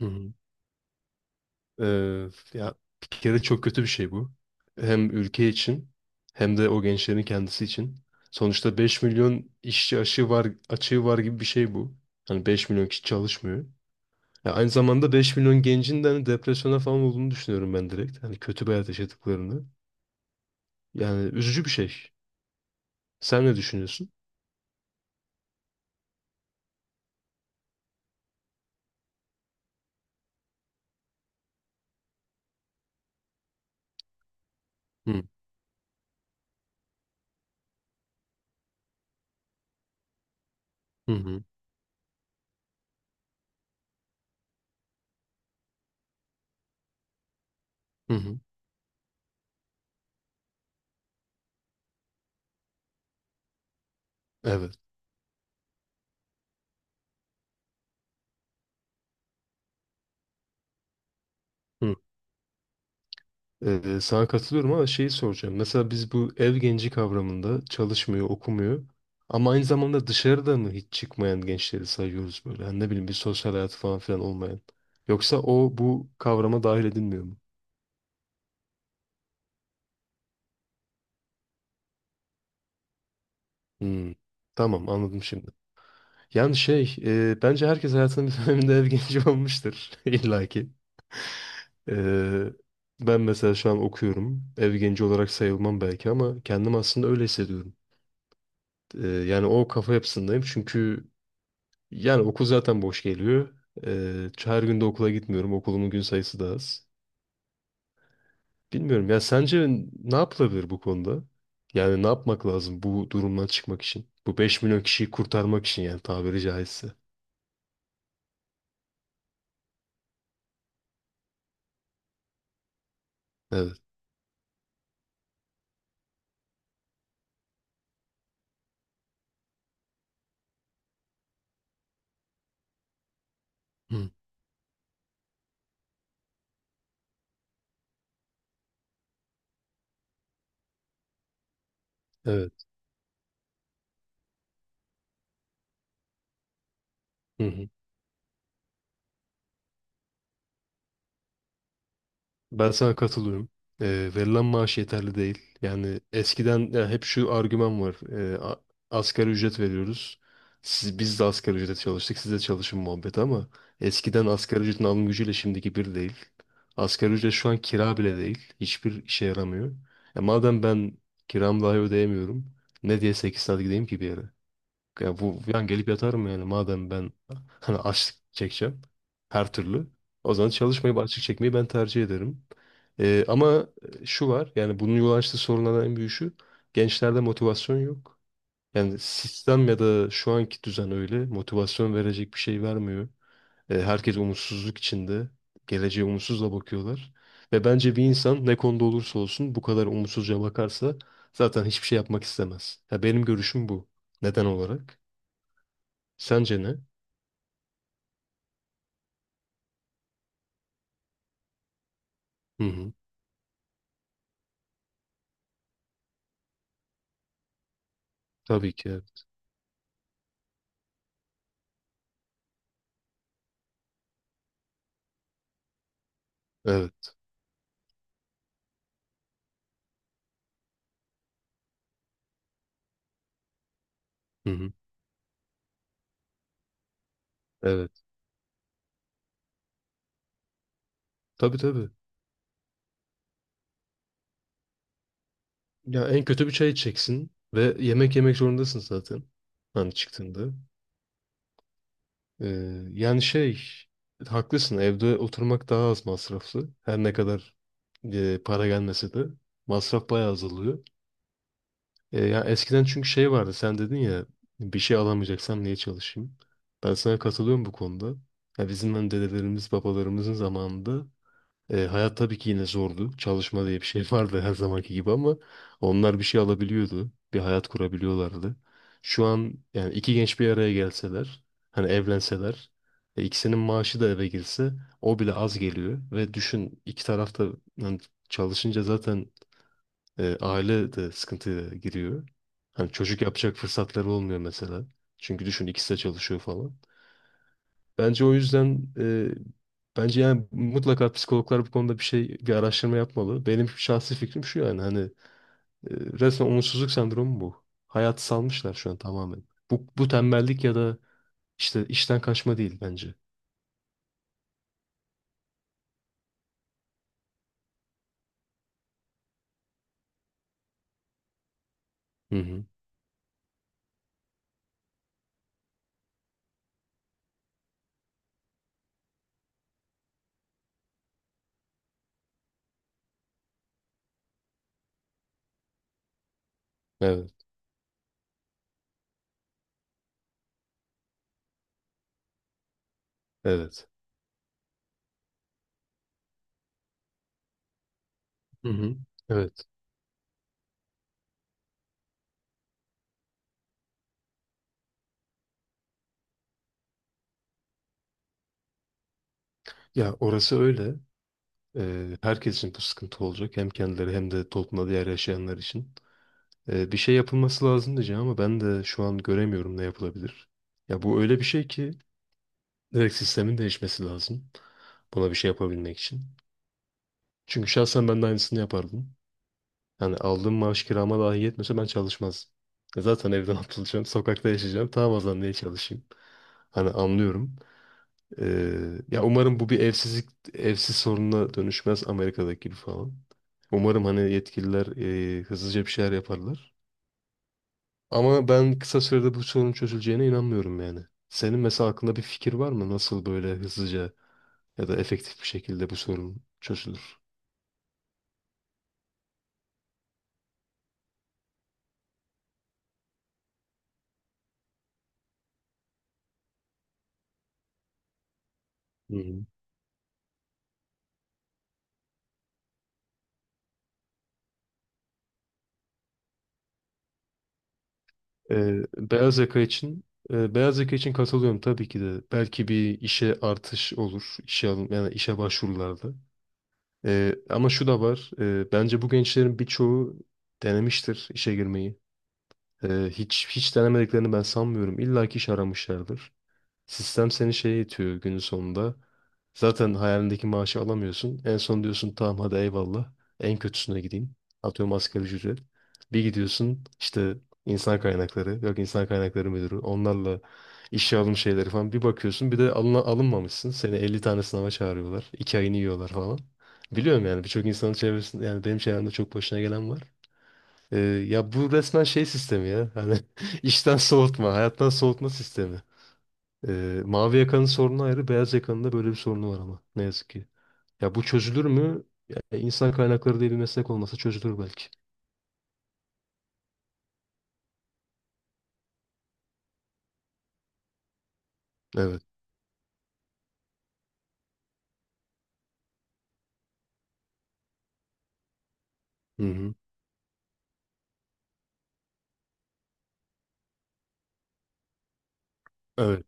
Hı hı. Ya bir kere çok kötü bir şey bu. Hem ülke için hem de o gençlerin kendisi için. Sonuçta 5 milyon işçi açığı var gibi bir şey bu. Hani 5 milyon kişi çalışmıyor. Ya aynı zamanda 5 milyon gencin de hani depresyona falan olduğunu düşünüyorum ben direkt. Hani kötü bir hayat yaşadıklarını. Yani üzücü bir şey. Sen ne düşünüyorsun? Hı hı hı. Hı hı. Evet. Sana katılıyorum ama şeyi soracağım. Mesela biz bu ev genci kavramında çalışmıyor, okumuyor ama aynı zamanda dışarıda mı hiç çıkmayan gençleri sayıyoruz böyle? Hani ne bileyim bir sosyal hayatı falan filan olmayan. Yoksa o bu kavrama dahil edilmiyor mu? Hmm. Tamam, anladım şimdi. Yani bence herkes hayatının bir döneminde ev genci olmuştur illa ki. Ee, Ben mesela şu an okuyorum. Ev genci olarak sayılmam belki ama kendim aslında öyle hissediyorum. Yani o kafa yapısındayım çünkü yani okul zaten boş geliyor. Her gün de okula gitmiyorum. Okulumun gün sayısı da az. Bilmiyorum ya sence ne yapılabilir bu konuda? Yani ne yapmak lazım bu durumdan çıkmak için? Bu 5 milyon kişiyi kurtarmak için yani tabiri caizse. Evet. Hı. Evet. Hı hı. Ben sana katılıyorum. Verilen maaş yeterli değil. Yani eskiden ya hep şu argüman var. Asgari ücret veriyoruz. Biz de asgari ücrete çalıştık. Siz de çalışın muhabbeti ama eskiden asgari ücretin alım gücüyle şimdiki bir değil. Asgari ücret şu an kira bile değil. Hiçbir işe yaramıyor. Madem ben kiramı dahi ödeyemiyorum. Ne diye 8 saat gideyim ki bir yere? Ya bu yani gelip yatarım yani madem ben hani açlık çekeceğim her türlü. O zaman çalışmayıp açlık çekmeyi ben tercih ederim. Ama şu var yani bunun yol açtığı sorunlardan en büyüğü şu. Gençlerde motivasyon yok. Yani sistem ya da şu anki düzen öyle motivasyon verecek bir şey vermiyor. Herkes umutsuzluk içinde. Geleceğe umutsuzla bakıyorlar. Ve bence bir insan ne konuda olursa olsun bu kadar umutsuzca bakarsa zaten hiçbir şey yapmak istemez. Ya benim görüşüm bu. Neden olarak? Sence ne? Hı hı. Tabii ki evet. Evet. Hı hı. Evet. Tabii tabii. Ya en kötü bir çay içeceksin ve yemek yemek zorundasın zaten. Hani çıktığında. Yani haklısın, evde oturmak daha az masraflı. Her ne kadar para gelmese de masraf bayağı azalıyor. Ya eskiden çünkü şey vardı sen dedin ya bir şey alamayacaksam niye çalışayım? Ben sana katılıyorum bu konuda. Ya bizim hani dedelerimiz babalarımızın zamanında, hayat tabii ki yine zordu. Çalışma diye bir şey vardı her zamanki gibi ama onlar bir şey alabiliyordu. Bir hayat kurabiliyorlardı. Şu an yani iki genç bir araya gelseler, hani evlenseler, ikisinin maaşı da eve girse o bile az geliyor. Ve düşün iki tarafta yani çalışınca zaten aile de sıkıntıya giriyor. Hani çocuk yapacak fırsatları olmuyor mesela. Çünkü düşün ikisi de çalışıyor falan. Bence o yüzden bence yani mutlaka psikologlar bu konuda bir araştırma yapmalı. Benim şahsi fikrim şu yani hani e, resmen umutsuzluk sendromu bu. Hayatı salmışlar şu an tamamen. Bu tembellik ya da işte işten kaçma değil bence. Hı hı. Evet. Evet. Hı hı. Evet. Ya orası öyle. Herkes için bu sıkıntı olacak. Hem kendileri hem de toplumda diğer yaşayanlar için. Bir şey yapılması lazım diyeceğim ama ben de şu an göremiyorum ne yapılabilir. Ya bu öyle bir şey ki direkt sistemin değişmesi lazım. Buna bir şey yapabilmek için. Çünkü şahsen ben de aynısını yapardım. Yani aldığım maaş kirama dahi yetmese ben çalışmazdım. Zaten evden atılacağım, sokakta yaşayacağım. Tamam, o zaman niye çalışayım? Hani anlıyorum. Ya umarım bu bir evsiz sorununa dönüşmez, Amerika'daki gibi falan. Umarım hani yetkililer hızlıca bir şeyler yaparlar. Ama ben kısa sürede bu sorun çözüleceğine inanmıyorum yani. Senin mesela aklında bir fikir var mı? Nasıl böyle hızlıca ya da efektif bir şekilde bu sorun çözülür. Hı hı. Ee, beyaz yaka için Beyaz yaka için katılıyorum tabii ki de. Belki bir işe artış olur. işe alım, yani işe başvurularda. Ama şu da var. Bence bu gençlerin birçoğu denemiştir işe girmeyi. Hiç hiç denemediklerini ben sanmıyorum. İlla ki iş aramışlardır. Sistem seni şeye itiyor günün sonunda. Zaten hayalindeki maaşı alamıyorsun. En son diyorsun tamam, hadi eyvallah. En kötüsüne gideyim. Atıyorum asgari ücret. Bir gidiyorsun işte insan kaynakları, yok insan kaynakları müdürü. Onlarla işe alım şeyleri falan. Bir bakıyorsun bir de alınmamışsın. Seni 50 tane sınava çağırıyorlar. 2 ayını yiyorlar falan. Biliyorum yani birçok insanın çevresinde yani benim çevremde çok başına gelen var. Ya bu resmen şey sistemi ya. Hani işten soğutma, hayattan soğutma sistemi. Mavi yakanın sorunu ayrı, beyaz yakanın da böyle bir sorunu var ama ne yazık ki. Ya bu çözülür mü? Ya, insan kaynakları diye bir meslek olmasa çözülür belki. Evet. Hı hı. Evet.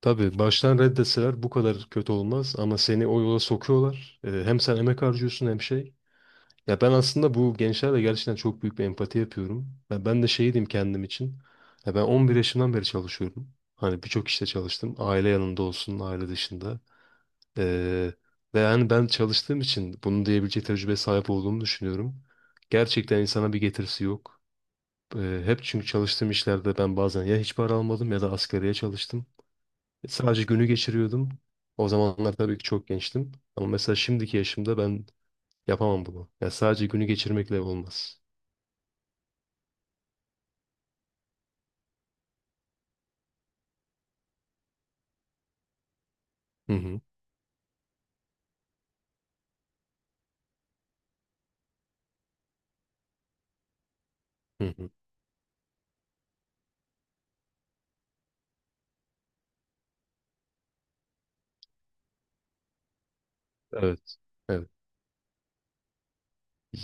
Tabii baştan reddeseler bu kadar kötü olmaz ama seni o yola sokuyorlar. Hem sen emek harcıyorsun hem şey. Ya ben aslında bu gençlerle gerçekten çok büyük bir empati yapıyorum. Ya ben de şey diyeyim kendim için. Ya ben 11 yaşımdan beri çalışıyorum. Hani birçok işte çalıştım. Aile yanında olsun, aile dışında. Ee, Ve yani ben çalıştığım için bunu diyebilecek tecrübe sahip olduğumu düşünüyorum. Gerçekten insana bir getirisi yok. Hep çünkü çalıştığım işlerde ben bazen ya hiç para almadım ya da asgariye çalıştım. Sadece günü geçiriyordum. O zamanlar tabii ki çok gençtim. Ama mesela şimdiki yaşımda ben yapamam bunu. Ya sadece günü geçirmekle olmaz. Hı hı. Hı hı. Evet. Evet.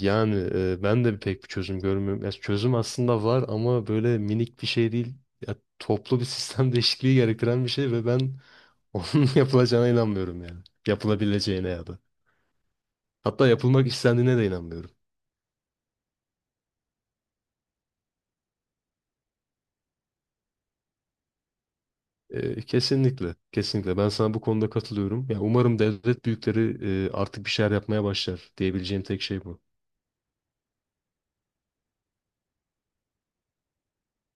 Yani ben de pek bir çözüm görmüyorum. Ya çözüm aslında var ama böyle minik bir şey değil. Ya, toplu bir sistem değişikliği gerektiren bir şey ve ben onun yapılacağına inanmıyorum yani. Yapılabileceğine ya da. Hatta yapılmak istendiğine de inanmıyorum. Kesinlikle, kesinlikle. Ben sana bu konuda katılıyorum. Ya umarım devlet büyükleri artık bir şeyler yapmaya başlar diyebileceğim tek şey bu.